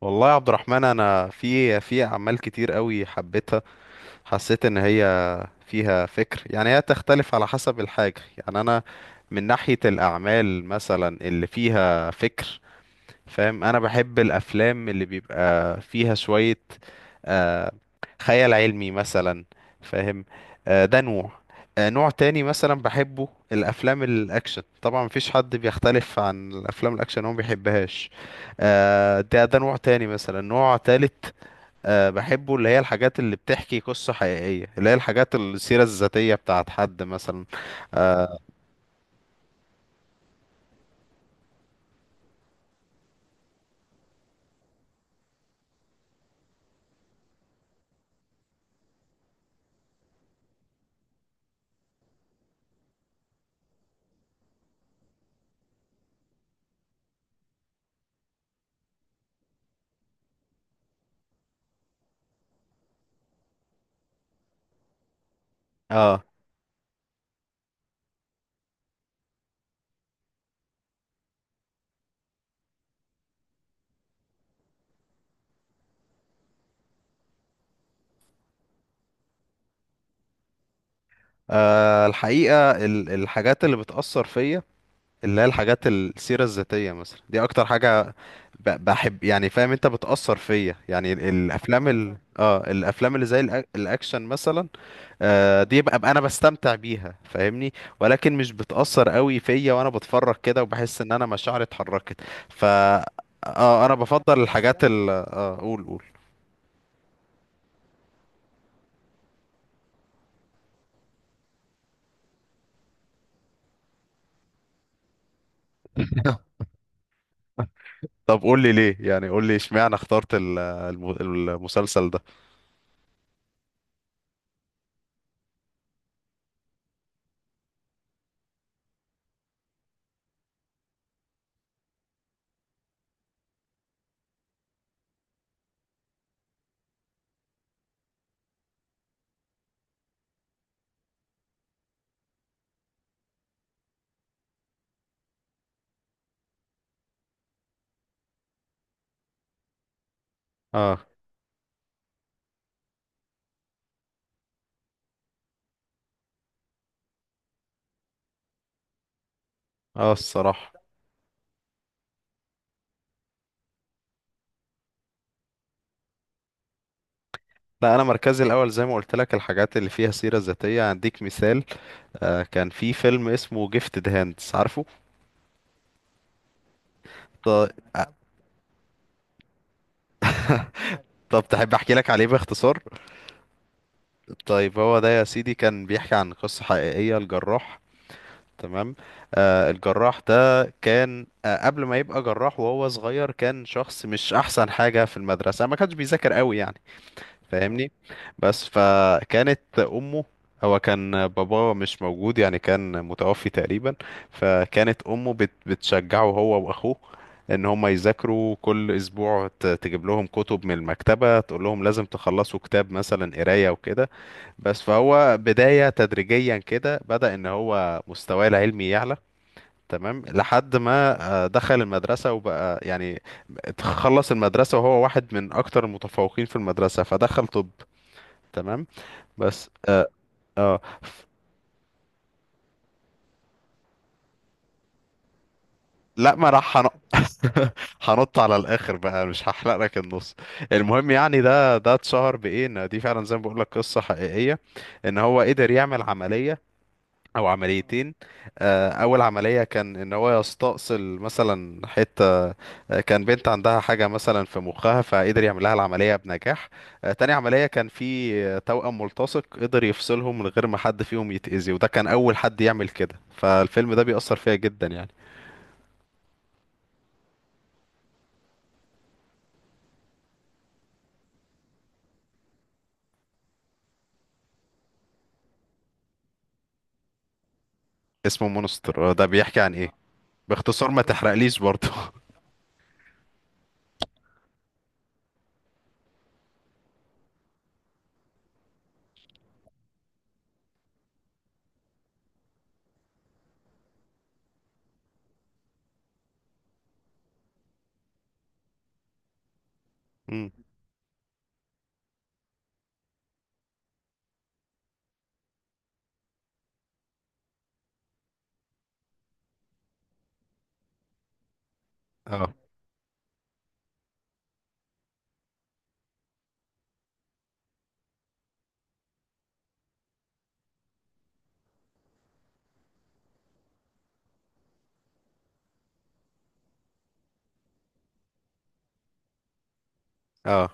والله يا عبد الرحمن، انا في اعمال كتير قوي حبيتها. حسيت ان هي فيها فكر، يعني هي تختلف على حسب الحاجه. يعني انا من ناحيه الاعمال مثلا اللي فيها فكر، فاهم؟ انا بحب الافلام اللي بيبقى فيها شوية آه، خيال علمي مثلا. فاهم؟ ده نوع. نوع تاني مثلا بحبه الافلام الاكشن. طبعا مفيش حد بيختلف عن الافلام الاكشن، هو ما بيحبهاش. ده نوع تاني، مثلا نوع تالت. بحبه اللي هي الحاجات اللي بتحكي قصة حقيقية، اللي هي الحاجات السيرة الذاتية بتاعت حد مثلا. اه. الحقيقة، الحاجات اللي بتأثر فيا، اللي هي الحاجات السيرة الذاتية، مثلا دي أكتر حاجة بحب، يعني فاهم أنت، بتأثر فيا. يعني الأفلام ال... اه الأفلام اللي زي الأكشن مثلا. دي ببقى أنا بستمتع بيها، فاهمني؟ ولكن مش بتأثر قوي فيا، وأنا بتفرج كده وبحس إن أنا مشاعري اتحركت. ف أنا بفضل الحاجات ال اه قول. طب قول لي ليه، يعني قول لي اشمعنى اخترت المسلسل ده؟ اه، اه، الصراحة. لا، انا مركزي الاول زي ما قلت لك الحاجات اللي فيها سيرة ذاتية. هديك مثال. كان في فيلم اسمه جيفتد هاندز، عارفه؟ ط- طب تحب احكي لك عليه باختصار؟ طيب هو ده يا سيدي كان بيحكي عن قصة حقيقية، الجراح. تمام. الجراح ده كان قبل ما يبقى جراح وهو صغير، كان شخص مش احسن حاجة في المدرسة، ما كانش بيذاكر قوي يعني. فاهمني؟ بس فكانت امه، هو كان باباه مش موجود، يعني كان متوفي تقريبا. فكانت امه بتشجعه هو واخوه، ان هما يذاكروا كل اسبوع، تجيب لهم كتب من المكتبة، تقول لهم لازم تخلصوا كتاب مثلا قراية وكده. بس فهو بداية تدريجيا كده بدأ ان هو مستواه العلمي يعلى. تمام لحد ما دخل المدرسة وبقى يعني، خلص المدرسة وهو واحد من اكتر المتفوقين في المدرسة، فدخل طب. تمام. بس آه. لا، ما راح هنط على الاخر بقى، مش هحلق لك النص. المهم يعني ده اتشهر بايه، ان دي فعلا زي ما بقول لك قصه حقيقيه، ان هو قدر يعمل عمليه او عمليتين. اول عمليه كان ان هو يستأصل مثلا حته، كان بنت عندها حاجه مثلا في مخها، فقدر يعمل لها العمليه بنجاح. تاني عمليه كان في توأم ملتصق، قدر يفصلهم من غير ما حد فيهم يتأذي، وده كان اول حد يعمل كده. فالفيلم ده بيأثر فيا جدا يعني. اسمه مونستر. ده بيحكي عن ايه؟ باختصار، ما تحرقليش برضه. مم. اه، اه.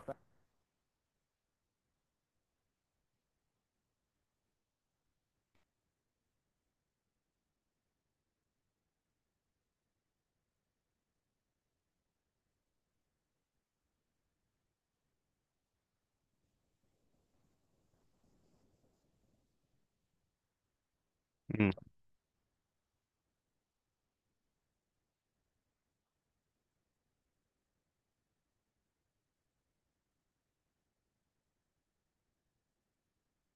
مم.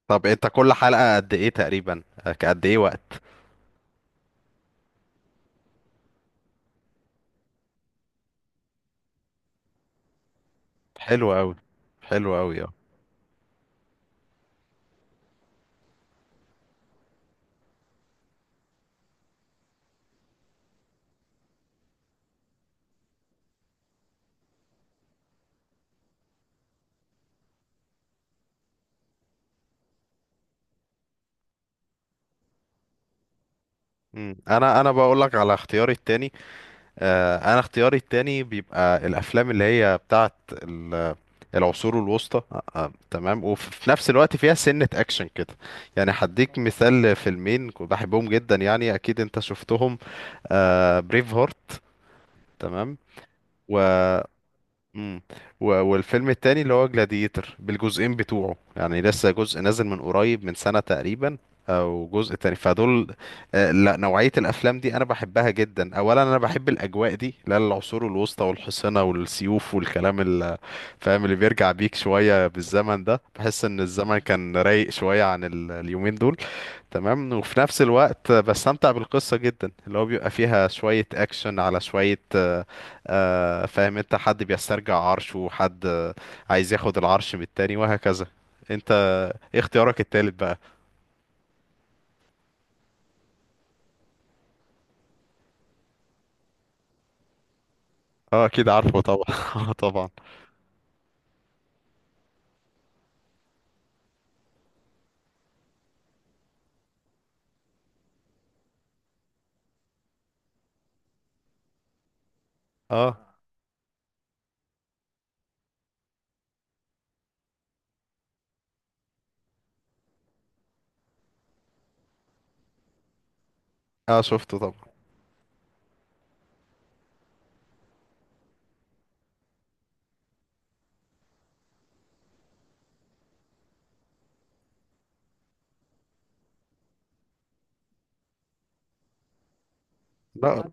طب انت كل حلقه قد ايه تقريبا، قد ايه وقت؟ حلو قوي. حلو قوي. مم. انا بقول لك على اختياري التاني. انا اختياري التاني بيبقى الافلام اللي هي بتاعت العصور الوسطى. تمام، وفي نفس الوقت فيها سنة اكشن كده. يعني هديك مثال لفيلمين كنت بحبهم جدا، يعني اكيد انت شفتهم. بريف هارت. تمام. و امم والفيلم التاني اللي هو جلاديتر بالجزئين بتوعه، يعني لسه جزء نازل من قريب، من سنة تقريبا، او جزء تاني، فدول. لا، نوعية الافلام دي انا بحبها جدا. اولا انا بحب الاجواء دي، لا العصور الوسطى والحصنة والسيوف والكلام فاهم؟ اللي بيرجع بيك شوية بالزمن ده، بحس ان الزمن كان رايق شوية عن اليومين دول. تمام. وفي نفس الوقت بستمتع بالقصة جدا، اللي هو بيبقى فيها شوية أكشن على شوية، فاهم أنت؟ حد بيسترجع عرشه وحد عايز ياخد العرش من التاني، وهكذا. أنت إيه اختيارك التالت بقى؟ اه، أكيد عارفه طبعا. طبعا. اه، اه، شفته طبعا. لا.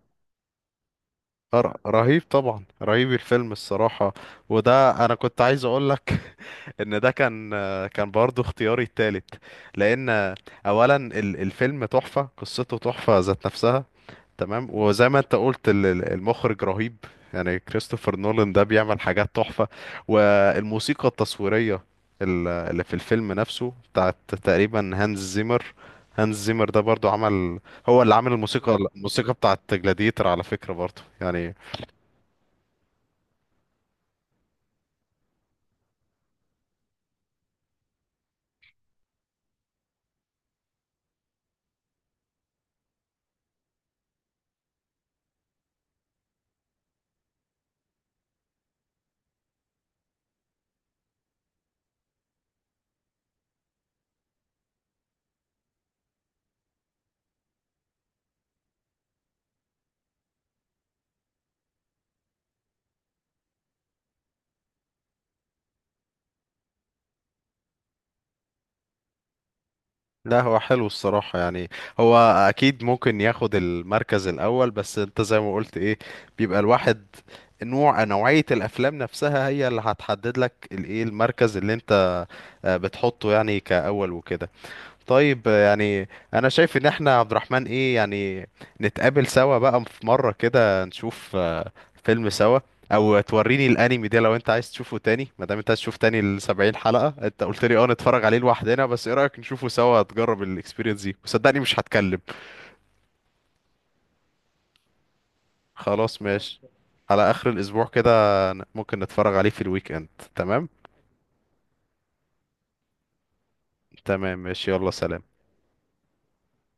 رهيب طبعا، رهيب الفيلم الصراحة. وده انا كنت عايز اقول لك، ان ده كان، كان برضو اختياري التالت. لان اولا الفيلم تحفة، قصته تحفة ذات نفسها. تمام. وزي ما انت قلت المخرج رهيب. يعني كريستوفر نولان ده بيعمل حاجات تحفة. والموسيقى التصويرية اللي في الفيلم نفسه بتاعت تقريبا هانز زيمر. هانز زيمر ده برضو عمل، هو اللي عامل الموسيقى بتاعت جلاديتر على فكرة برضو يعني. لا، هو حلو الصراحة يعني. هو أكيد ممكن ياخد المركز الأول، بس أنت زي ما قلت إيه، بيبقى الواحد نوعية الأفلام نفسها هي اللي هتحدد لك الإيه المركز اللي أنت بتحطه يعني كأول وكده. طيب، يعني انا شايف ان احنا عبد الرحمن ايه يعني، نتقابل سوا بقى في مرة كده، نشوف فيلم سوا، او توريني الانمي ده لو انت عايز تشوفه تاني، ما دام انت عايز تشوف تاني ال 70 حلقة، انت قلت لي اه نتفرج عليه لوحدنا، بس ايه رأيك نشوفه سوا؟ تجرب الاكسبيرينس دي وصدقني مش هتكلم. خلاص ماشي. على اخر الاسبوع كده، ممكن نتفرج عليه في الويك اند. تمام، تمام، ماشي، يلا سلام.